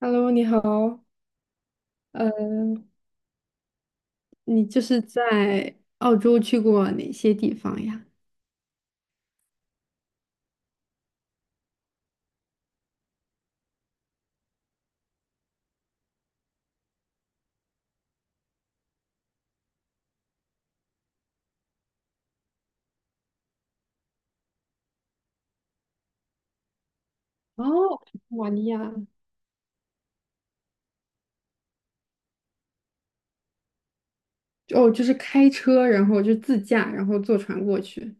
Hello，你好，呃，你在澳洲去过哪些地方呀？哦，塔斯马尼亚，哦，就是开车，然后就自驾，然后坐船过去。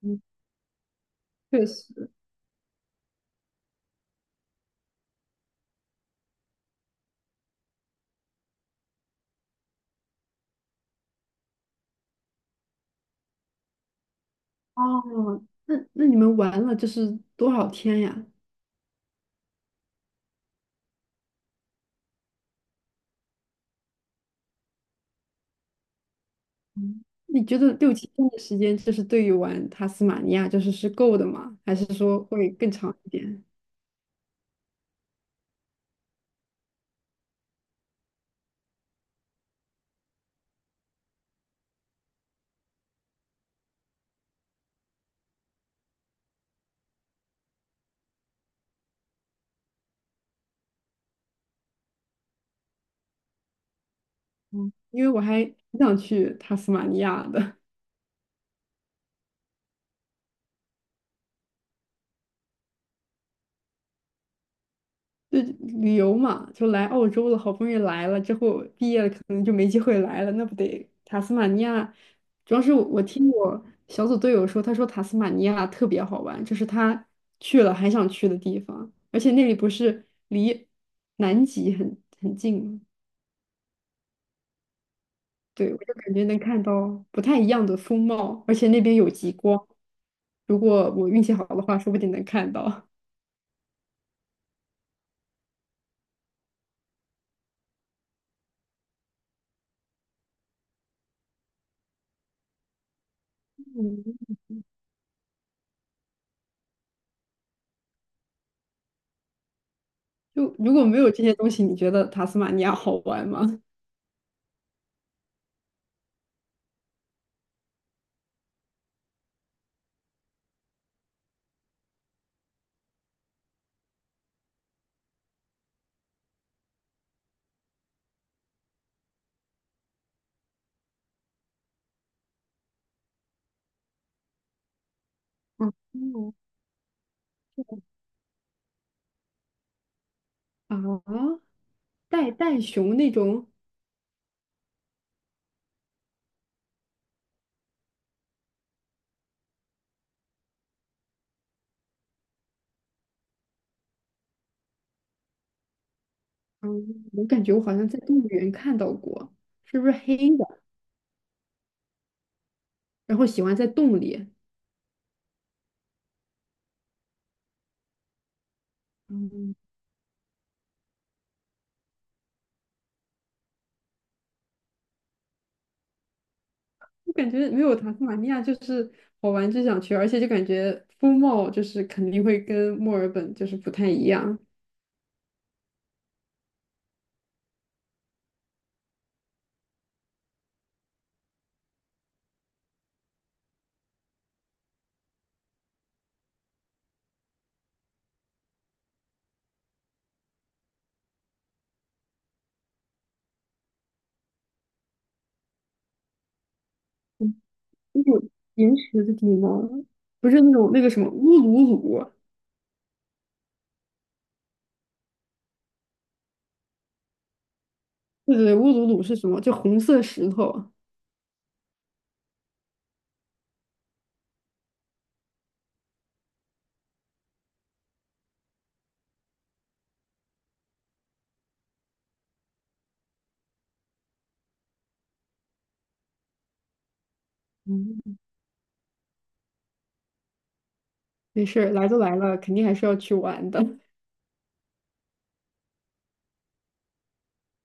嗯，确实。哦，那你们玩了多少天呀？嗯你觉得六七天的时间，对于玩塔斯马尼亚是够的吗？还是说会更长一点？嗯因为我还挺想去塔斯马尼亚的。就旅游嘛，就来澳洲了，好不容易来了，之后毕业了可能就没机会来了，那不得塔斯马尼亚？主要是我听我小组队友说，他说塔斯马尼亚特别好玩，这是他去了还想去的地方，而且那里不是离南极很近吗？对，我就感觉能看到不太一样的风貌，而且那边有极光，如果我运气好的话，说不定能看到。嗯就如果没有这些东西，你觉得塔斯马尼亚好玩吗？啊，袋袋熊那种，嗯，我感觉我好像在动物园看到过，是不是黑的？然后喜欢在洞里，嗯，我感觉没有塔斯马尼亚好玩就想去，而且就感觉风貌肯定会跟墨尔本不太一样，嗯那种岩石的地方，不是那种那个什么乌鲁鲁，对对对乌鲁鲁是什么？就红色石头。嗯，没事儿来都来了，肯定还是要去玩的。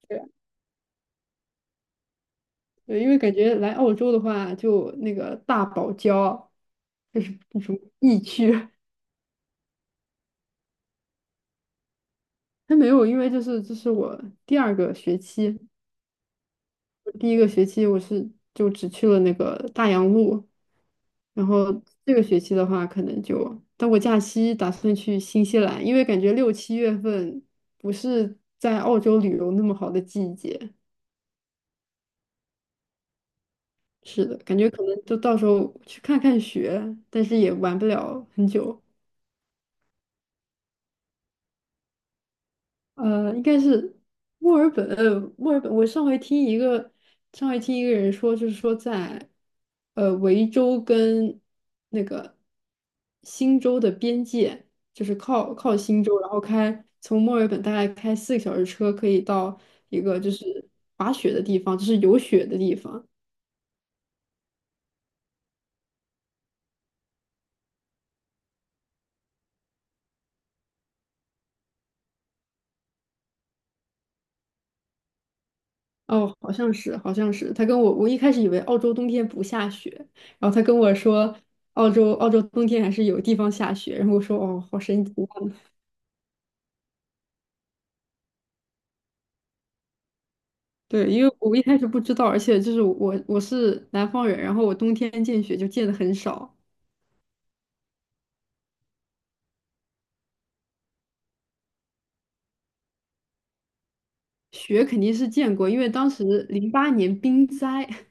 对，因为感觉来澳洲的话，就那个大堡礁，就是那种疫区，还没有，因为就是这是我第2个学期，我第1个学期我是就只去了那个大洋路，然后这个学期的话，可能就，但我假期打算去新西兰，因为感觉六七月份不是在澳洲旅游那么好的季节，是的，感觉可能就到时候去看看雪，但是也玩不了很久。应该是墨尔本，墨尔本。我上回听一个，上回听一个人说，就是说在，维州跟那个新州的边界，靠新州，然后开从墨尔本大概开4个小时车，可以到一个就是滑雪的地方，就是有雪的地方。哦，好像是，好像是。他跟我，我一开始以为澳洲冬天不下雪，然后他跟我说，澳洲冬天还是有地方下雪，然后我说哦，好神奇啊对，因为我一开始不知道，而且就是我是南方人，然后我冬天见雪就见的很少，雪肯定是见过，因为当时08年冰灾，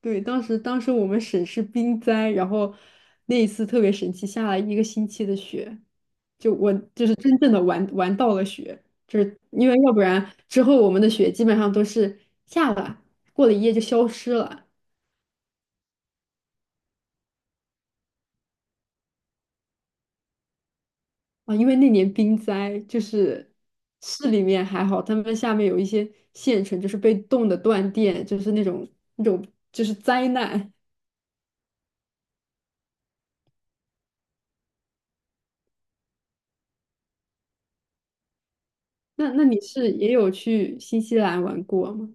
对，当时我们省是冰灾，然后那一次特别神奇，下了1个星期的雪，就我就是真正的玩到了雪，就是因为要不然之后我们的雪基本上都是下了，过了一夜就消失了。啊，因为那年冰灾，就是市里面还好，他们下面有一些县城就是被冻的断电，就是那种就是灾难。那你是也有去新西兰玩过吗？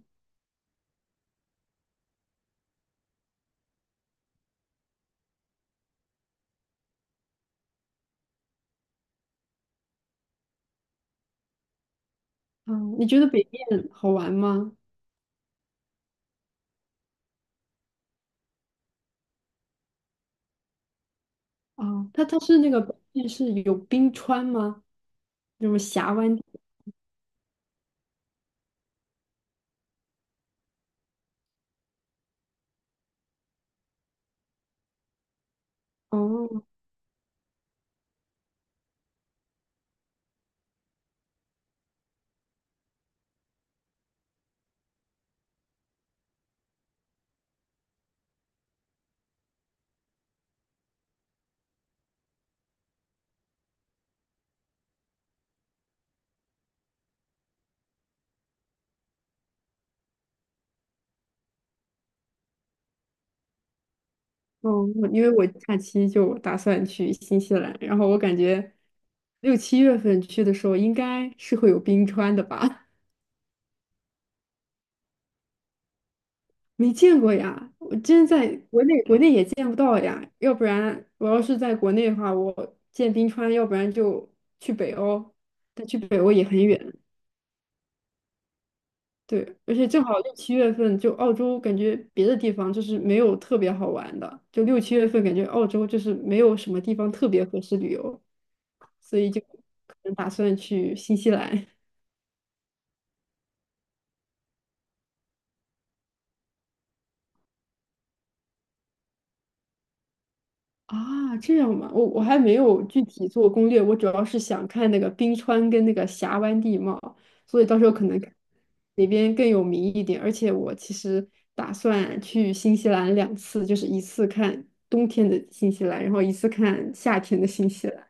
啊，你觉得北面好玩吗？啊，它是那个北面是有冰川吗？那种峡湾地哦哦，我因为我假期就打算去新西兰，然后我感觉六七月份去的时候应该是会有冰川的吧。没见过呀，我真在国内也见不到呀。要不然我要是在国内的话，我见冰川，要不然就去北欧，但去北欧也很远。对，而且正好六七月份，就澳洲感觉别的地方就是没有特别好玩的，就六七月份感觉澳洲就是没有什么地方特别合适旅游，所以就可能打算去新西兰。啊，这样嘛，我还没有具体做攻略，我主要是想看那个冰川跟那个峡湾地貌，所以到时候可能看哪边更有名一点。而且我其实打算去新西兰2次，就是一次看冬天的新西兰，然后一次看夏天的新西兰。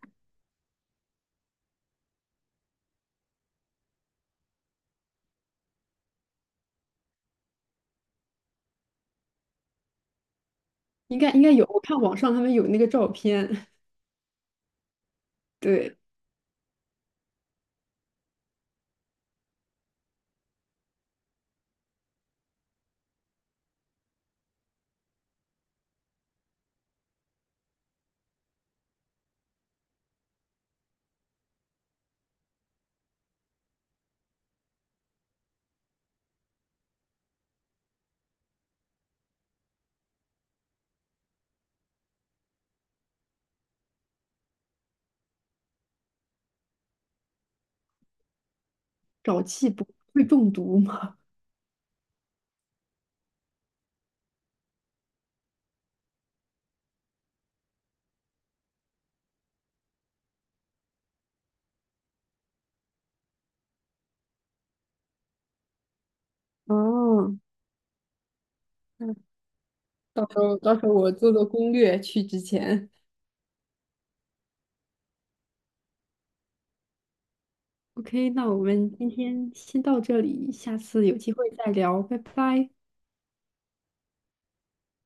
应该有，我看网上他们有那个照片。对，沼气不会中毒吗？哦，那到时候我做做攻略去之前。OK，那我们今天先到这里，下次有机会再聊，拜拜。